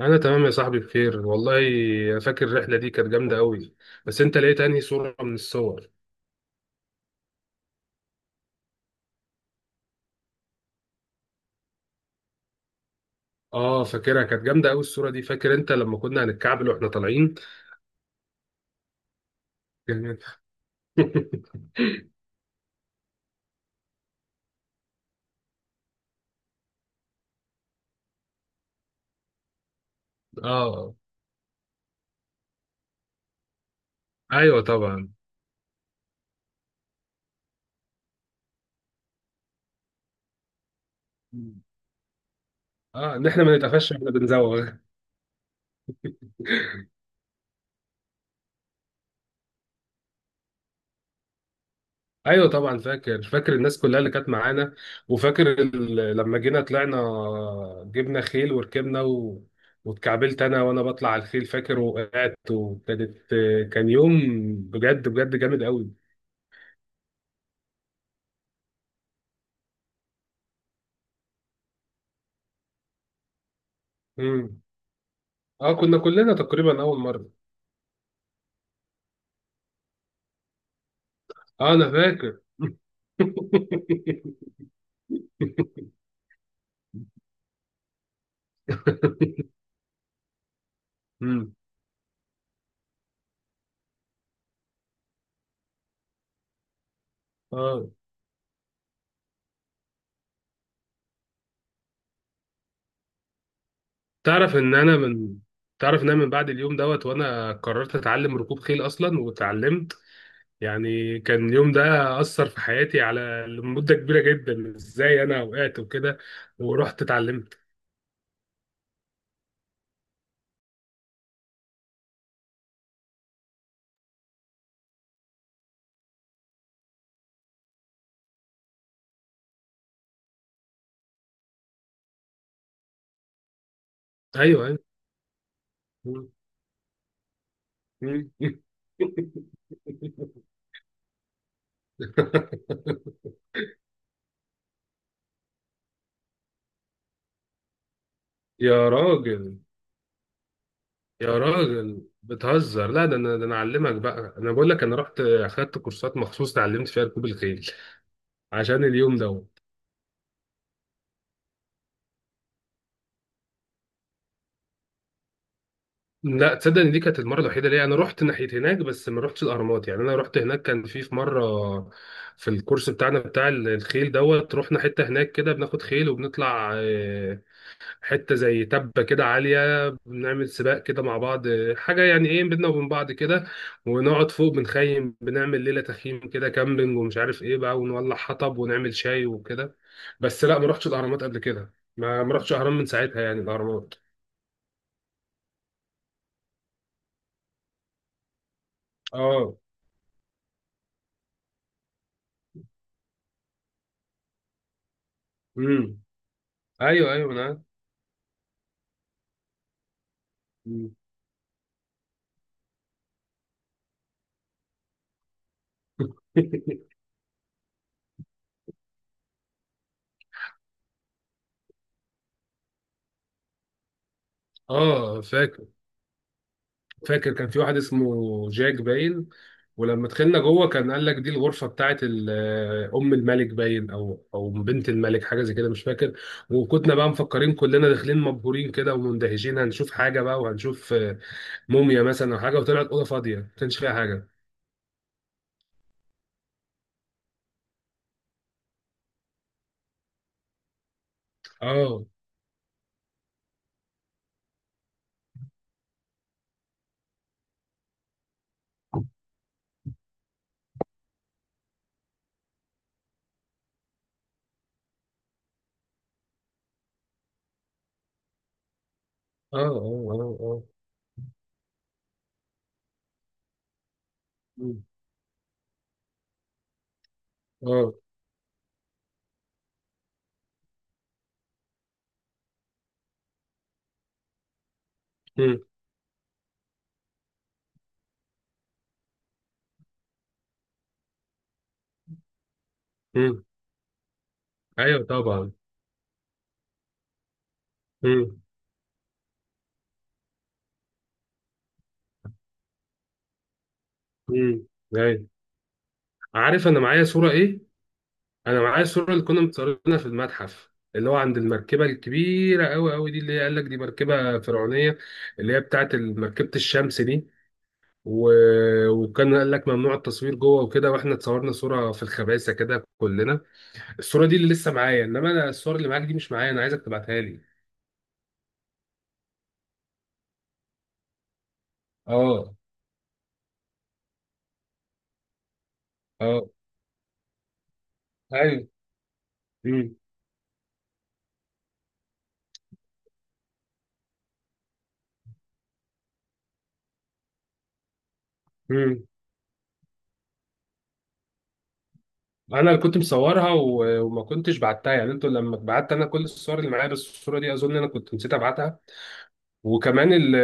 انا تمام يا صاحبي، بخير والله. فاكر الرحله دي كانت جامده قوي. بس انت لقيت انهي صوره من الصور؟ اه، فاكرها كانت جامده قوي الصوره دي. فاكر انت لما كنا هنتكعبل واحنا طالعين؟ كان- اه، ايوه طبعا. اه، ان احنا ما نتقفش واحنا بنزوغ. ايوه طبعا، فاكر فاكر الناس كلها اللي كانت معانا. وفاكر لما جينا طلعنا، جبنا خيل وركبنا واتكعبلت انا وانا بطلع على الخيل، فاكر وقعت وكانت. كان يوم بجد بجد جامد قوي. امم. اه، كنا كلنا تقريبا اول مره. اه، انا فاكر. امم. اه، تعرف ان انا من تعرف ان انا من بعد اليوم دوت، وانا قررت اتعلم ركوب خيل اصلا واتعلمت. يعني كان اليوم ده أثر في حياتي لمدة كبيرة جدا، إزاي أنا وقعت وكده، ورحت اتعلمت. أيوه أيوه. مم. مم. يا راجل، يا راجل بتهزر. لا ده أنا، أعلمك بقى. أنا بقول لك أنا رحت أخدت كورسات مخصوص اتعلمت فيها ركوب الخيل عشان اليوم ده. لا، تصدق ان دي كانت المره الوحيده ليا. انا رحت ناحيه هناك بس ما رحتش الاهرامات. يعني انا رحت هناك، كان في مره في الكورس بتاعنا، بتاع الخيل دوت، رحنا حته هناك كده بناخد خيل وبنطلع، حته زي تبه كده عاليه، بنعمل سباق كده مع بعض، حاجه يعني ايه بينا وبين بعض كده. ونقعد فوق بنخيم، بنعمل ليله تخييم كده كامبينج ومش عارف ايه بقى، ونولع حطب ونعمل شاي وكده. بس لا، ما رحتش الاهرامات قبل كده. ما رحتش اهرام من ساعتها، يعني الاهرامات. اه. امم. ايوه ايوه. مم. اه فاكر، فاكر كان في واحد اسمه جاك باين. ولما دخلنا جوه كان قال لك دي الغرفه بتاعت ام الملك باين، او بنت الملك حاجه زي كده مش فاكر. وكنا بقى مفكرين كلنا داخلين مبهورين كده ومندهشين، هنشوف حاجه بقى وهنشوف موميا مثلا او حاجه، وطلعت اوضه فاضيه ما كانش فيها حاجه. اه اه اه اه. اه. مم. اه. مم. مم. ايوه طبعا. مم. مم. ايوه. عارف انا معايا صوره ايه؟ انا معايا الصوره اللي كنا متصورينها في المتحف، اللي هو عند المركبه الكبيره قوي قوي دي، اللي هي قال لك دي مركبه فرعونيه، اللي هي بتاعت مركبه الشمس دي و... وكان قال لك ممنوع التصوير جوه وكده، واحنا اتصورنا صوره في الخباثه كده كلنا. الصوره دي اللي لسه معايا، انما انا الصور اللي معاك دي مش معايا، انا عايزك تبعتها لي. اه. اه. ايوه. امم. امم. انا اللي كنت مصورها وما كنتش بعتها، يعني انتوا لما بعت، انا كل الصور اللي معايا، بس الصوره دي اظن انا كنت نسيت ابعتها. وكمان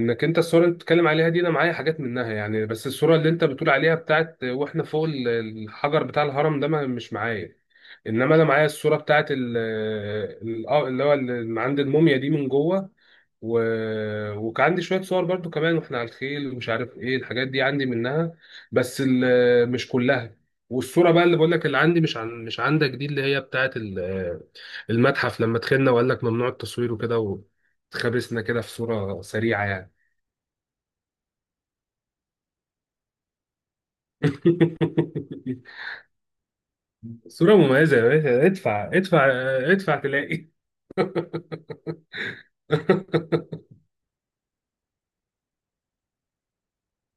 انك انت الصوره اللي بتتكلم عليها دي، انا معايا حاجات منها يعني، بس الصوره اللي انت بتقول عليها بتاعت واحنا فوق الحجر بتاع الهرم ده ما مش معايا. انما انا معايا الصوره بتاعت اللي هو اللي عند الموميا دي من جوه و... وكان عندي شويه صور برضو كمان واحنا على الخيل ومش عارف ايه الحاجات دي عندي منها، بس مش كلها. والصوره بقى اللي بقول لك اللي عندي، مش عندك دي، اللي هي بتاعت المتحف لما دخلنا وقال لك ممنوع التصوير وكده، واتخابسنا كده في صوره سريعه يعني. صوره مميزه يا باشا، ادفع ادفع، ادفع تلاقي.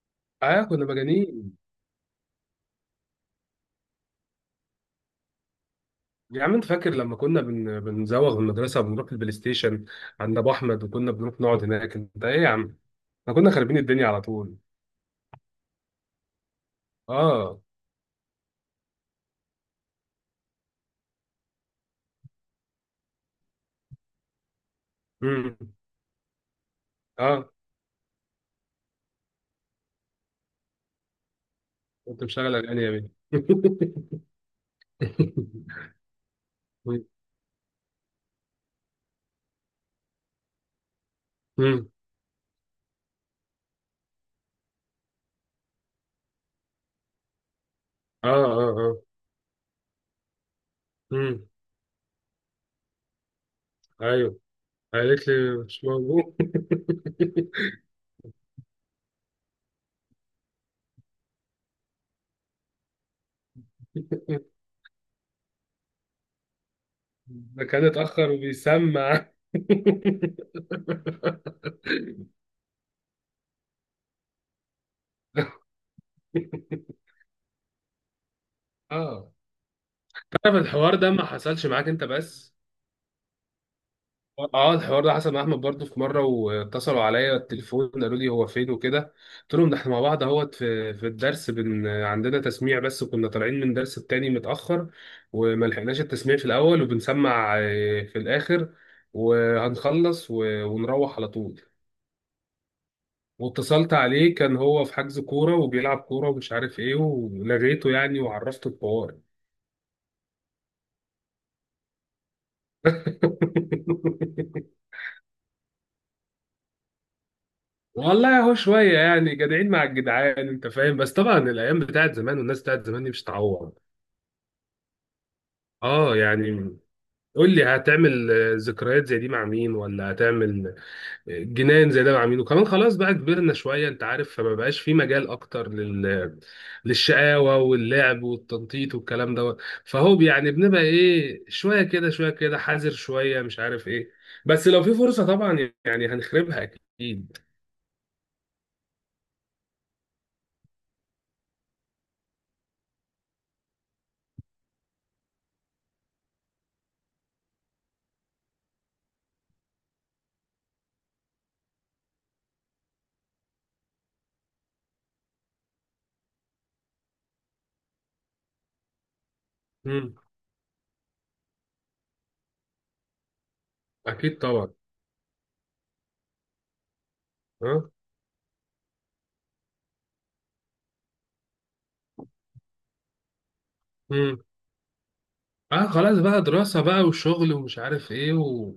اه، كنا مجانين. يا عم، انت فاكر لما كنا بنزوغ من المدرسه وبنروح البلاي ستيشن عند ابو احمد، وكنا بنروح نقعد هناك. انت ايه يا عم، احنا كنا خاربين الدنيا على طول. اه. امم. اه. كنت مشغل اغاني يا بيه. امم. اه. اه. اه. امم. ايوه. قالت لي مش موجود. ده كان اتاخر وبيسمع. اه، تعرف الحوار ده ما حصلش معاك انت بس؟ اه، الحوار ده حصل مع احمد برضه في مره، واتصلوا عليا التليفون قالوا لي هو فين وكده. قلت لهم ده احنا مع بعض اهوت في الدرس، عندنا تسميع، بس كنا طالعين من درس التاني متاخر وما لحقناش التسميع في الاول، وبنسمع في الاخر، وهنخلص ونروح على طول. واتصلت عليه، كان هو في حجز كوره وبيلعب كوره ومش عارف ايه، ولغيته يعني وعرفته الحوار. والله هو شوية يعني جدعين مع الجدعان، انت فاهم، بس طبعا الايام بتاعت زمان والناس بتاعت زمان دي مش هتعوض. اه، يعني قول لي، هتعمل ذكريات زي دي مع مين، ولا هتعمل جنان زي ده مع مين؟ وكمان خلاص بقى كبرنا شوية، انت عارف، فما بقاش في مجال اكتر للشقاوة واللعب والتنطيط والكلام ده. فهو يعني بنبقى ايه، شوية كده شوية كده حذر، شوية مش عارف ايه. بس لو في فرصة طبعا يعني هنخربها، اكيد. مم. اكيد طبعا. اه. اه، خلاص بقى دراسة بقى وشغل ومش عارف ايه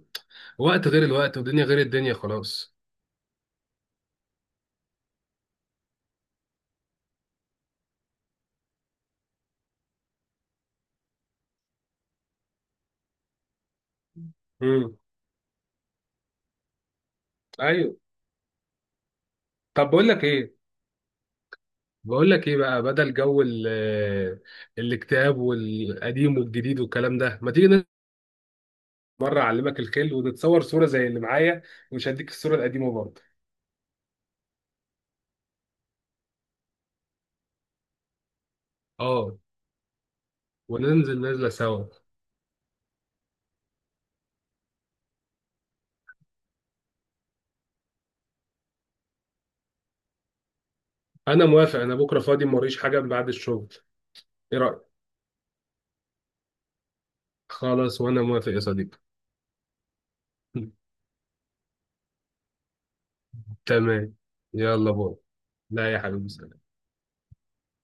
وقت غير الوقت، ودنيا غير الدنيا، خلاص. امم. ايوه. طب، بقول لك ايه بقى، بدل جو ال... آه، الاكتئاب والقديم والجديد والكلام ده، ما تيجي مرة اعلمك الخيل ونتصور صورة زي اللي معايا، ومش هديك الصورة القديمة برضه. اه، وننزل نازلة سوا. انا موافق، انا بكرة فاضي، موريش حاجة من بعد الشغل. ايه رأيك؟ خلاص وانا موافق يا صديقي. تمام. يلا بقى. لا يا حبيبي.